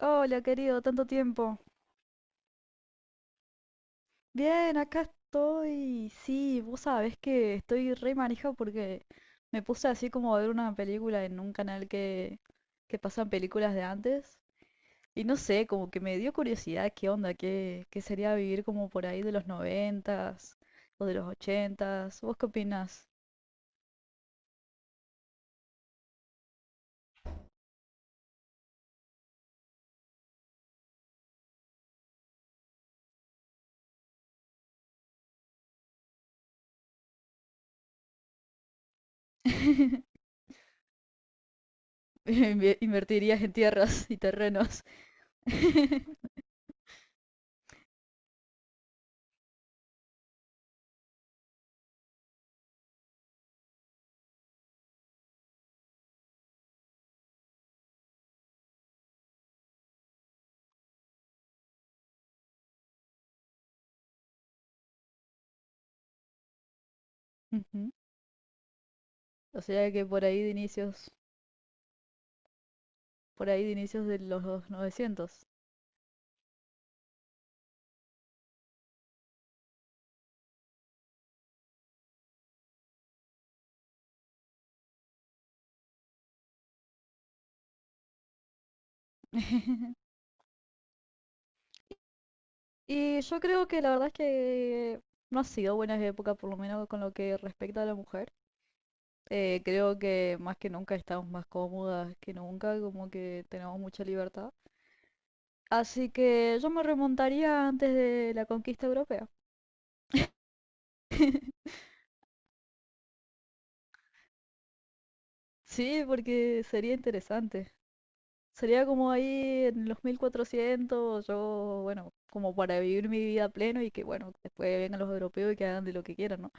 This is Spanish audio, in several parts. Hola, querido, tanto tiempo. Bien, acá estoy. Sí, vos sabés que estoy re manija porque me puse así como a ver una película en un canal que pasan películas de antes. Y no sé, como que me dio curiosidad qué onda, qué sería vivir como por ahí de los noventas o de los ochentas. ¿Vos qué opinás? Invertirías en tierras y terrenos. Ujú. O sea que por ahí de inicios, por ahí de inicios de los 900. Y yo creo que la verdad es que no ha sido buena época, por lo menos con lo que respecta a la mujer. Creo que más que nunca estamos más cómodas que nunca, como que tenemos mucha libertad. Así que yo me remontaría antes de la conquista europea. Sí, porque sería interesante. Sería como ahí en los 1400 yo, bueno, como para vivir mi vida a pleno y que, bueno, después vengan los europeos y que hagan de lo que quieran, ¿no?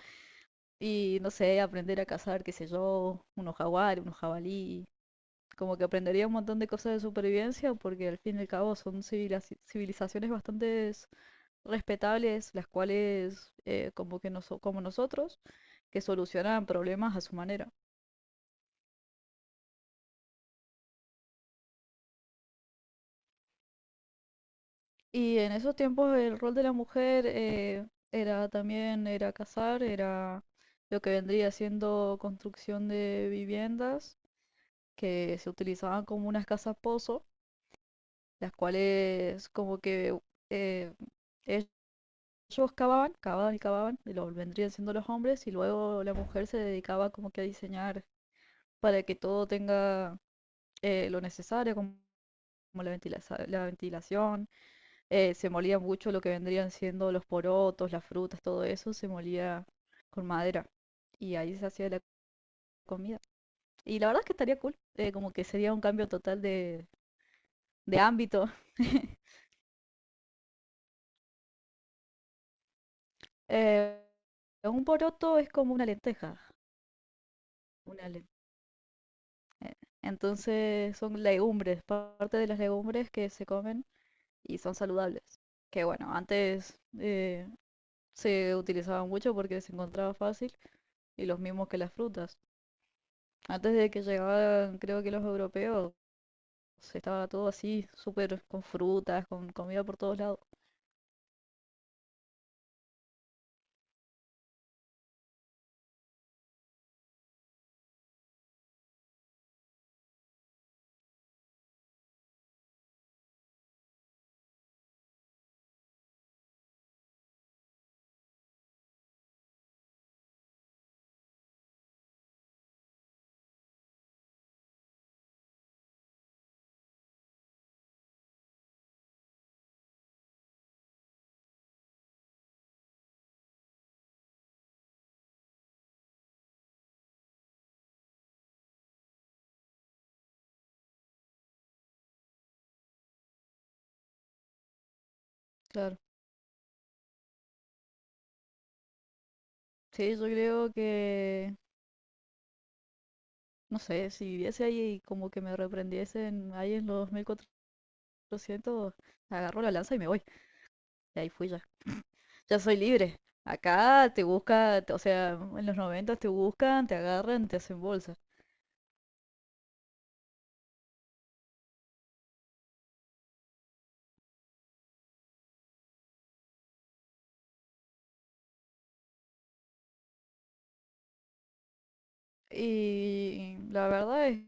Y no sé, aprender a cazar, qué sé yo, unos jaguares, unos jabalí. Como que aprendería un montón de cosas de supervivencia porque al fin y al cabo son civilizaciones bastante respetables, las cuales, como que como nosotros, que solucionan problemas a su manera. Y en esos tiempos el rol de la mujer era también, era cazar, era lo que vendría siendo construcción de viviendas que se utilizaban como unas casas pozo las cuales como que eh, ellos cavaban, cavaban y cavaban, y lo vendrían siendo los hombres, y luego la mujer se dedicaba como que a diseñar para que todo tenga lo necesario, como como la ventilación, se molía mucho lo que vendrían siendo los porotos, las frutas, todo eso, se molía con madera, y ahí se hacía la comida. Y la verdad es que estaría cool, como que sería un cambio total de ámbito. Eh, un poroto es como una lenteja. Una len- eh, Entonces son legumbres, parte de las legumbres que se comen y son saludables. Que bueno, antes se utilizaban mucho porque se encontraba fácil y los mismos que las frutas. Antes de que llegaran, creo que los europeos, estaba todo así, súper con frutas, con comida por todos lados. Claro. Sí, yo creo que no sé, si viviese ahí y como que me reprendiesen ahí en los 1400, lo siento, agarro la lanza y me voy. Y ahí fui ya. Ya soy libre. Acá te busca, o sea, en los 90 te buscan, te agarran, te hacen bolsa. Y la verdad es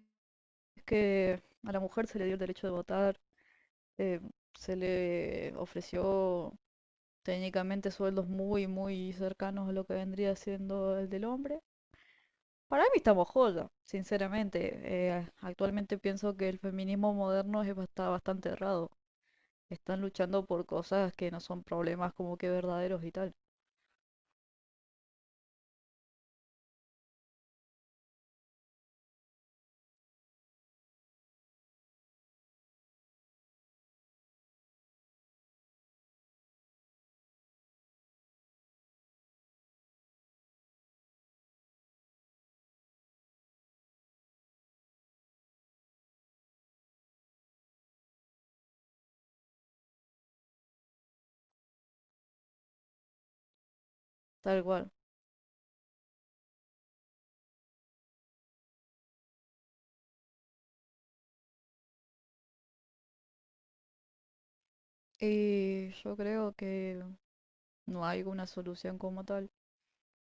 que a la mujer se le dio el derecho de votar, eh, se le ofreció técnicamente sueldos muy, muy cercanos a lo que vendría siendo el del hombre. Para mí estamos joya, sinceramente. Actualmente pienso que el feminismo moderno es está bastante errado. Están luchando por cosas que no son problemas como que verdaderos y tal. Tal cual. Y yo creo que no hay una solución como tal,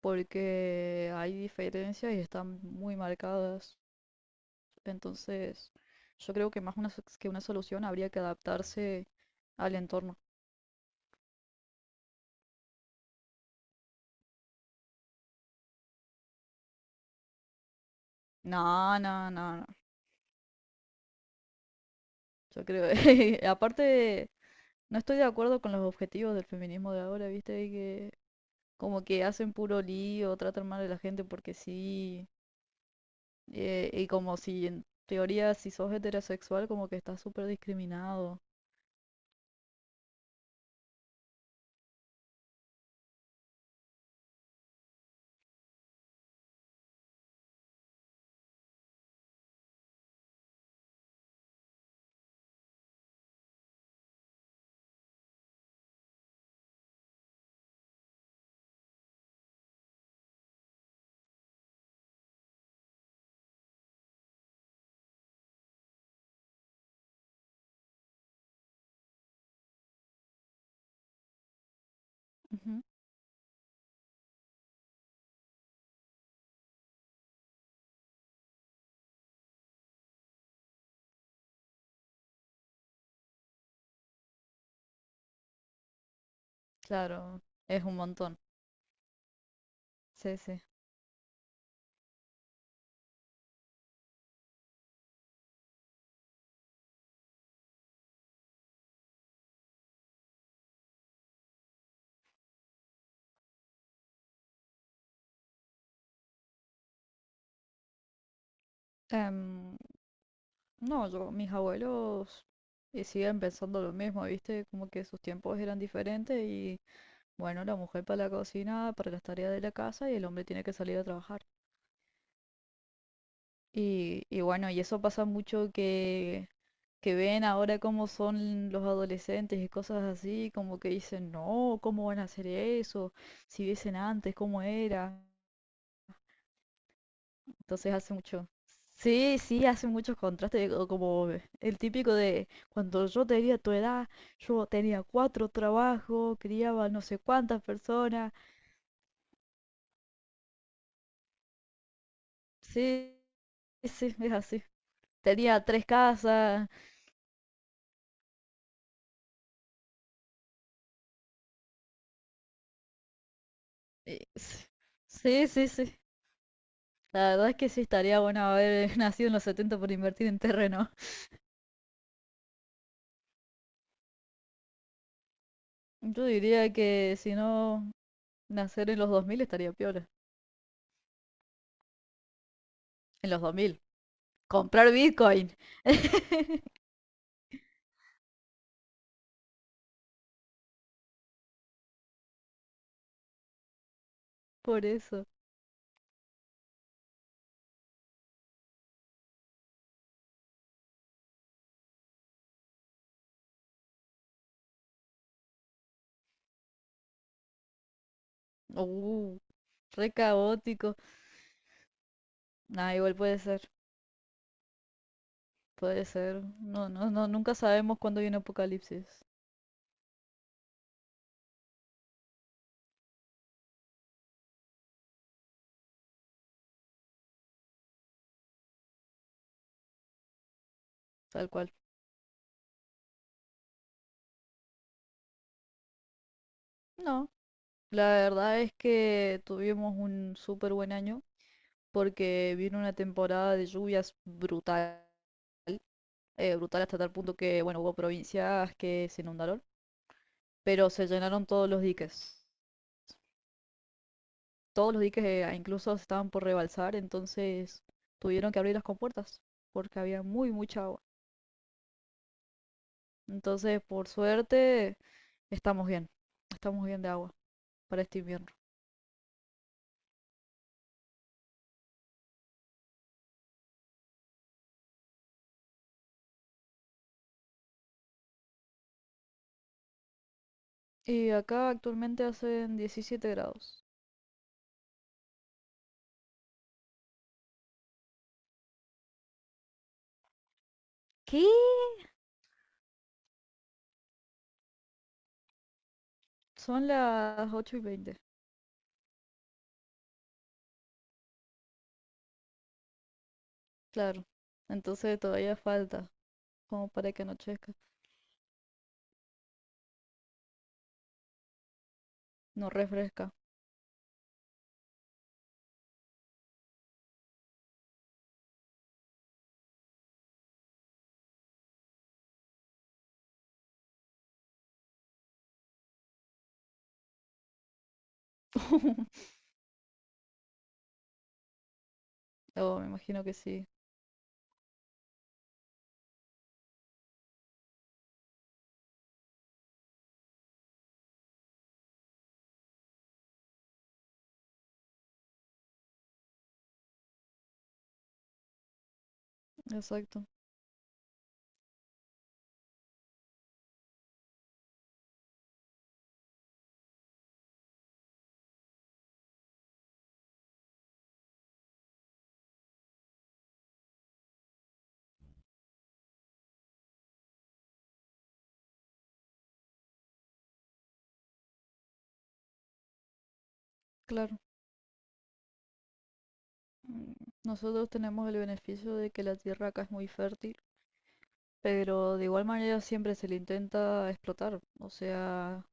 porque hay diferencias y están muy marcadas. Entonces, yo creo que más una, que una solución habría que adaptarse al entorno. No, no, no, no. Yo creo, aparte, no estoy de acuerdo con los objetivos del feminismo de ahora, ¿viste? Que como que hacen puro lío, tratan mal a la gente porque sí. Y como si en teoría si sos heterosexual como que estás súper discriminado. Ujú. Claro, es un montón. Sí, sí. Em, no, yo, mis abuelos siguen pensando lo mismo, ¿viste? Como que sus tiempos eran diferentes y bueno, la mujer para la cocina, para las tareas de la casa y el hombre tiene que salir a trabajar. Y bueno, y eso pasa mucho que ven ahora cómo son los adolescentes y cosas así, como que dicen, no, ¿cómo van a hacer eso? Si viesen antes, ¿cómo era? Entonces hace mucho. Sí, sí, hace muchos contrastes, o como el típico de cuando yo tenía tu edad, yo tenía cuatro trabajos, criaba no sé cuántas personas. Sí, sí, es así. Tenía tres casas. eh, Sí, sí, sí, sí. La verdad es que sí estaría bueno haber nacido en los 70 por invertir en terreno. Yo diría que si no nacer en los 2000 estaría piola. En los dos mil comprar Bitcoin. Por eso. Uh, re caótico. Nah, igual puede ser. Puede ser. No, no, no. Nunca sabemos cuándo viene apocalipsis. Tal cual. No. La verdad es que tuvimos un súper buen año porque vino una temporada de lluvias brutal. Brutal hasta tal punto que, bueno, hubo provincias que se inundaron, pero se llenaron todos los diques. Todos los diques incluso estaban por rebalsar, entonces tuvieron que abrir las compuertas porque había muy mucha agua. Entonces, por suerte, estamos bien, estamos bien de agua para este invierno. Y acá actualmente hacen 17 grados. ¿Qué? Son las 8:20. Claro. Entonces todavía falta como para que anochezca, no refresca. Oh, me imagino que sí, exacto, claro. Mm, Nosotros tenemos el beneficio de que la tierra acá es muy fértil, pero de igual manera siempre se le intenta explotar. O sea,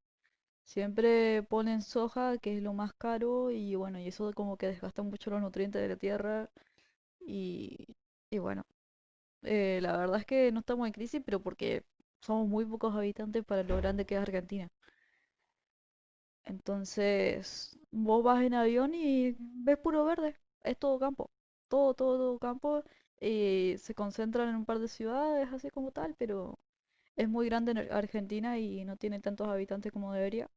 siempre ponen soja, que es lo más caro, y bueno, y eso como que desgasta mucho los nutrientes de la tierra. Y, y bueno, la verdad es que no estamos en crisis, pero porque somos muy pocos habitantes para lo grande que es Argentina. Entonces, vos vas en avión y ves puro verde, es todo campo, todo, todo, todo campo. Y se concentran en un par de ciudades, así como tal, pero es muy grande en Argentina y no tiene tantos habitantes como debería.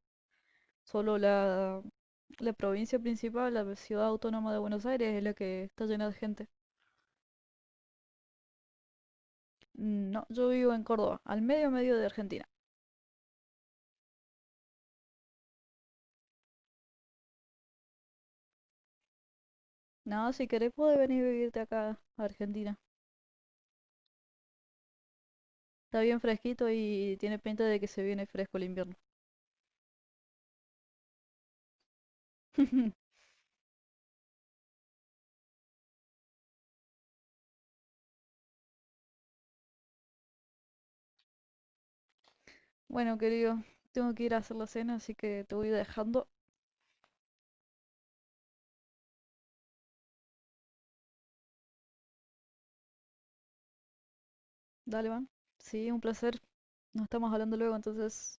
Solo la, la provincia principal, la ciudad autónoma de Buenos Aires, es la que está llena de gente. No, yo vivo en Córdoba, al medio medio de Argentina. Nada, si querés puedes venir a vivirte acá a Argentina. Está bien fresquito y tiene pinta de que se viene fresco el invierno. Bueno, querido, tengo que ir a hacer la cena, así que te voy dejando. Dale, van. Sí, un placer. Nos estamos hablando luego, entonces.